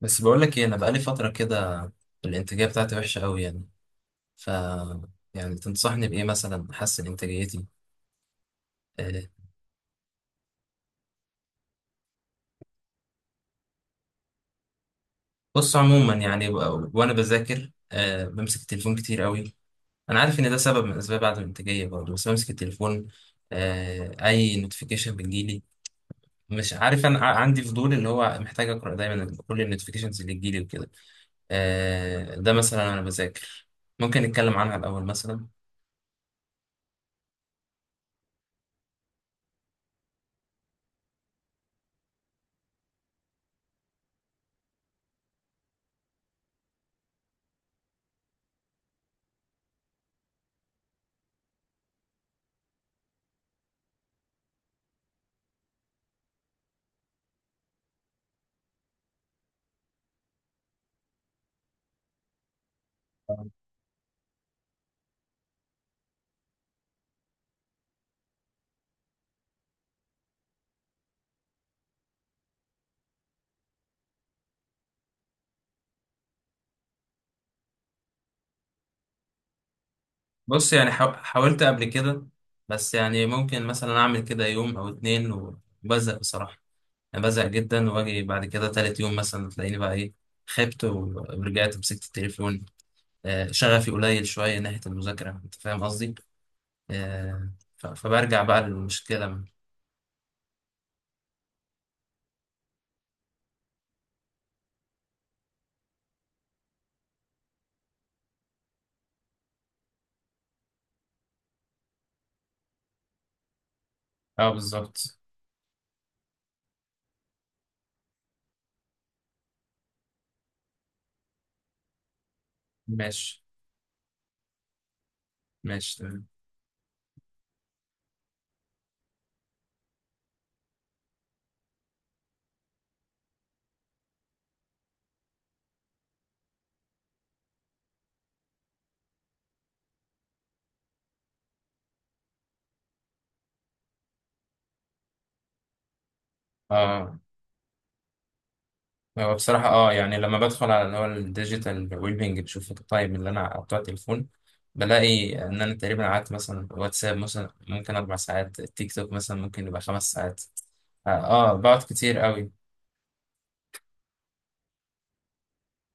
بس بقول لك ايه، انا بقالي فتره كده. الانتاجيه بتاعتي وحشه قوي يعني. ف يعني تنصحني بايه مثلا احسن انتاجيتي؟ آه، بص عموما يعني وانا بذاكر بمسك التليفون كتير قوي. انا عارف ان ده سبب من اسباب عدم الانتاجيه برضه، بس بمسك التليفون. اي نوتيفيكيشن بتجيلي. مش عارف، انا عندي فضول اللي هو محتاج اقرا دايما كل النوتيفيكيشنز اللي تجيلي وكده. ده مثلا انا بذاكر، ممكن نتكلم عنها الاول مثلا. بص يعني حاولت قبل كده، بس يعني ممكن مثلا اعمل كده يوم او اتنين وبزهق بصراحة. انا بزهق جدا، واجي بعد كده تالت يوم مثلا تلاقيني بقى ايه، خبت ورجعت مسكت التليفون. شغفي قليل شوية ناحية المذاكرة، انت فاهم قصدي. آه، فبرجع بقى للمشكلة. اه بالظبط. ماشي. ماشي تمام. اه. هو بصراحة اه يعني لما بدخل على اللي هو الديجيتال ويبنج، بشوف التايم اللي انا بتوع التليفون، بلاقي ان انا تقريبا قعدت مثلا واتساب مثلا ممكن اربع ساعات، تيك توك مثلا ممكن يبقى خمس ساعات. اه بقعد كتير قوي.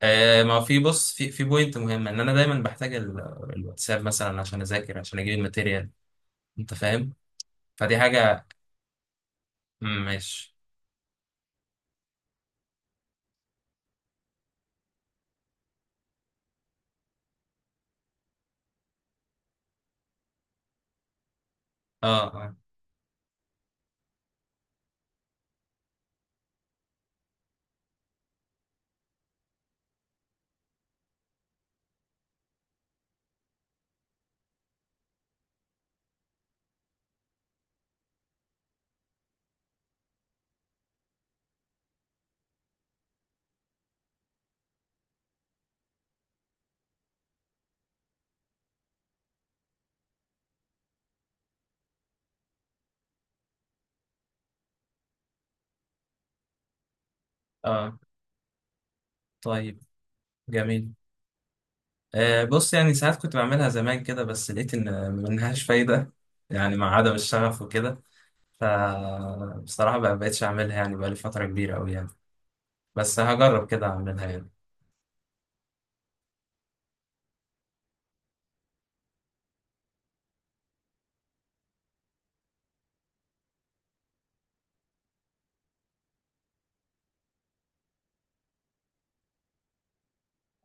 آه ما هو في بص، في بوينت مهمة، ان انا دايما بحتاج الواتساب مثلا عشان اذاكر، عشان اجيب الماتيريال، انت فاهم. فدي حاجة. ماشي. اه. اه. اه. طيب. جميل. بص يعني ساعات كنت بعملها زمان كده، بس لقيت ان منهاش فايدة، يعني مع عدم الشغف وكده، فبصراحة ما بقتش اعملها يعني بقالي فترة كبيرة أوي يعني. بس هجرب كده اعملها يعني.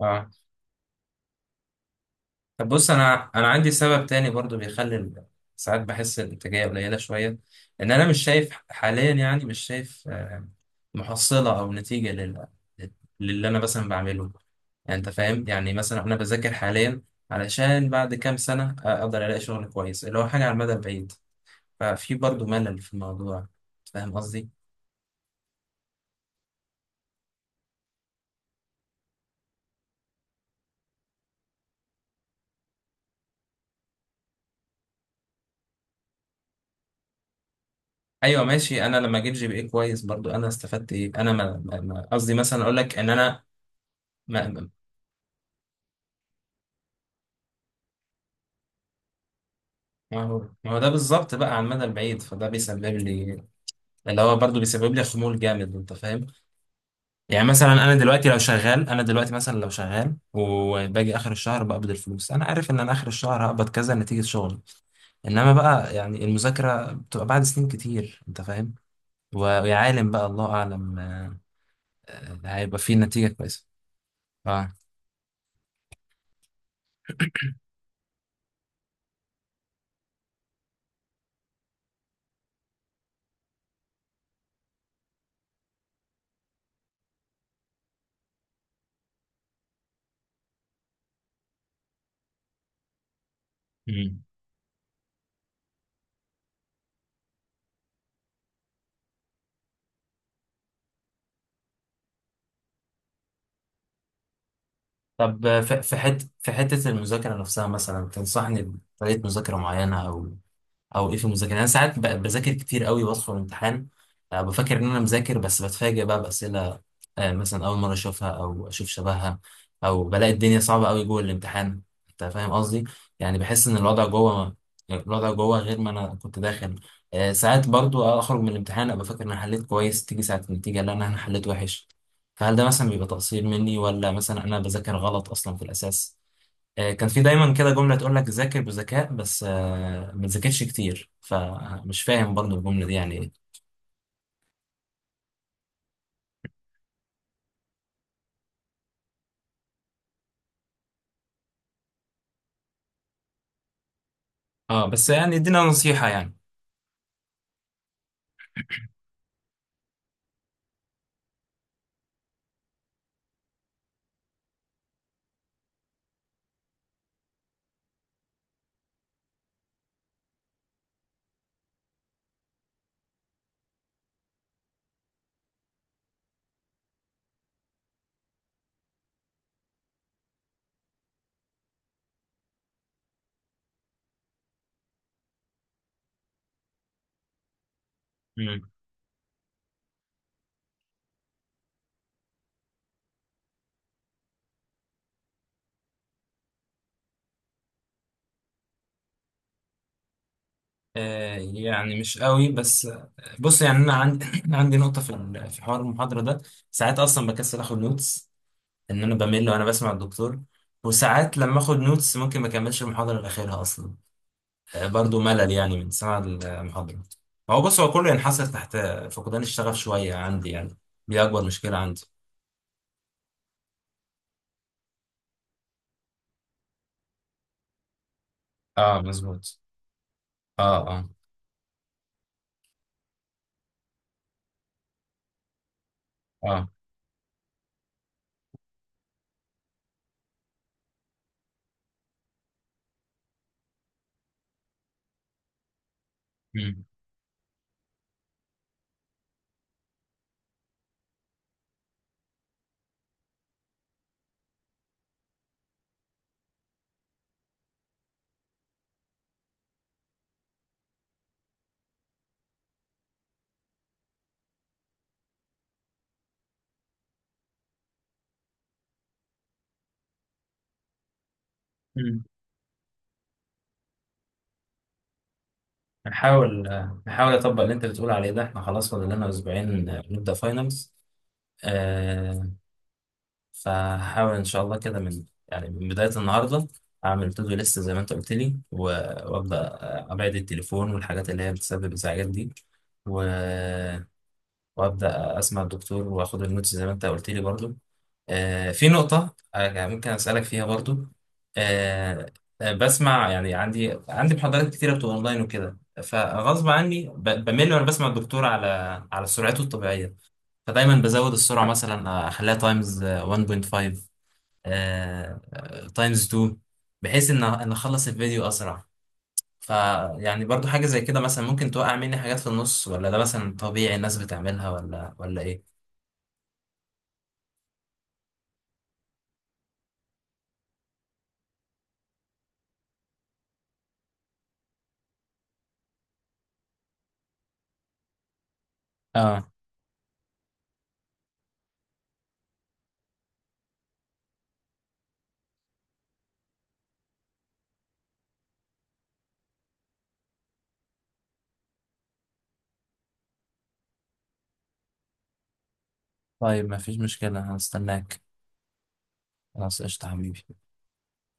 اه. طب بص، انا عندي سبب تاني برضو بيخلي ساعات بحس الانتاجيه قليله شويه، ان انا مش شايف حاليا، يعني مش شايف محصله او نتيجه للي انا مثلا بعمله. يعني انت فاهم، يعني مثلا انا بذاكر حاليا علشان بعد كام سنه اقدر الاقي شغل كويس، اللي هو حاجه على المدى البعيد، ففي برضو ملل في الموضوع، فاهم قصدي. ايوه ماشي. انا لما اجيب جي بي اي كويس برضو انا استفدت ايه؟ انا قصدي مثلا اقول لك ان انا، ما هو، ما هو ده بالظبط بقى على المدى البعيد، فده بيسبب لي، اللي هو برضه بيسبب لي خمول جامد، انت فاهم. يعني مثلا انا دلوقتي لو شغال، انا دلوقتي مثلا لو شغال وباجي اخر الشهر بقبض الفلوس، انا عارف ان انا اخر الشهر هقبض كذا نتيجة شغلي. انما بقى يعني المذاكرة بتبقى بعد سنين كتير، انت فاهم. ويا عالم بقى الله اعلم، هيبقى فيه نتيجة كويسة. اه. مم. طب في في حته في حتة المذاكرة نفسها مثلا تنصحني بطريقة مذاكرة معينة؟ او ايه في المذاكره يعني؟ انا ساعات بذاكر كتير قوي وادخل الامتحان، بفكر ان انا مذاكر، بس بتفاجئ بقى باسئله، مثلا اول مره اشوفها او اشوف شبهها، او بلاقي الدنيا صعبه قوي جوه الامتحان، انت فاهم قصدي. يعني بحس ان الوضع جوه غير ما انا كنت داخل. ساعات برضو اخرج من الامتحان ابقى فاكر ان انا حليت كويس، تيجي ساعه النتيجه، لا، أنا حليت وحش. فهل ده مثلا بيبقى تقصير مني، ولا مثلا انا بذاكر غلط اصلا في الاساس؟ كان في دايما كده جملة تقول لك ذاكر بذكاء بس ما تذاكرش كتير، فمش فاهم برضو الجملة دي يعني ايه. اه بس يعني ادينا نصيحة يعني. مم. يعني مش قوي، بس بص يعني انا عندي عندي نقطه في في حوار المحاضره ده. ساعات اصلا بكسل اخد نوتس، ان انا بمل وانا بسمع الدكتور. وساعات لما اخد نوتس ممكن ما اكملش المحاضره لاخرها اصلا، برضو ملل يعني من سماع المحاضره. هو بص، هو كله ينحصر تحت فقدان الشغف شويه عندي يعني، دي اكبر مشكله عندي. اه مظبوط. اه. اه. اه. مم. مم. نحاول نحاول اطبق اللي انت بتقول عليه ده. احنا خلاص فاضل لنا اسبوعين نبدا فاينلز. آه. فهحاول ان شاء الله كده من يعني من بدايه النهارده اعمل تو دو ليست زي ما انت قلت لي، وابدا ابعد التليفون والحاجات اللي هي بتسبب ازعاجات دي و... وابدا اسمع الدكتور واخد النوتس زي ما انت قلت لي برضو. في نقطة يعني ممكن أسألك فيها برضو. آه، بسمع يعني، عندي محاضرات كتيرة بتبقى أونلاين وكده، فغصب عني بمل وأنا بسمع الدكتور على على سرعته الطبيعية، فدايما بزود السرعة مثلا أخليها تايمز 1.5، تايمز 2، بحيث إن أخلص الفيديو أسرع. فيعني برضو حاجة زي كده مثلا ممكن توقع مني حاجات في النص، ولا ده مثلا طبيعي الناس بتعملها، ولا إيه؟ اه طيب مفيش مشكلة، هستناك. خلاص قشطة حبيبي.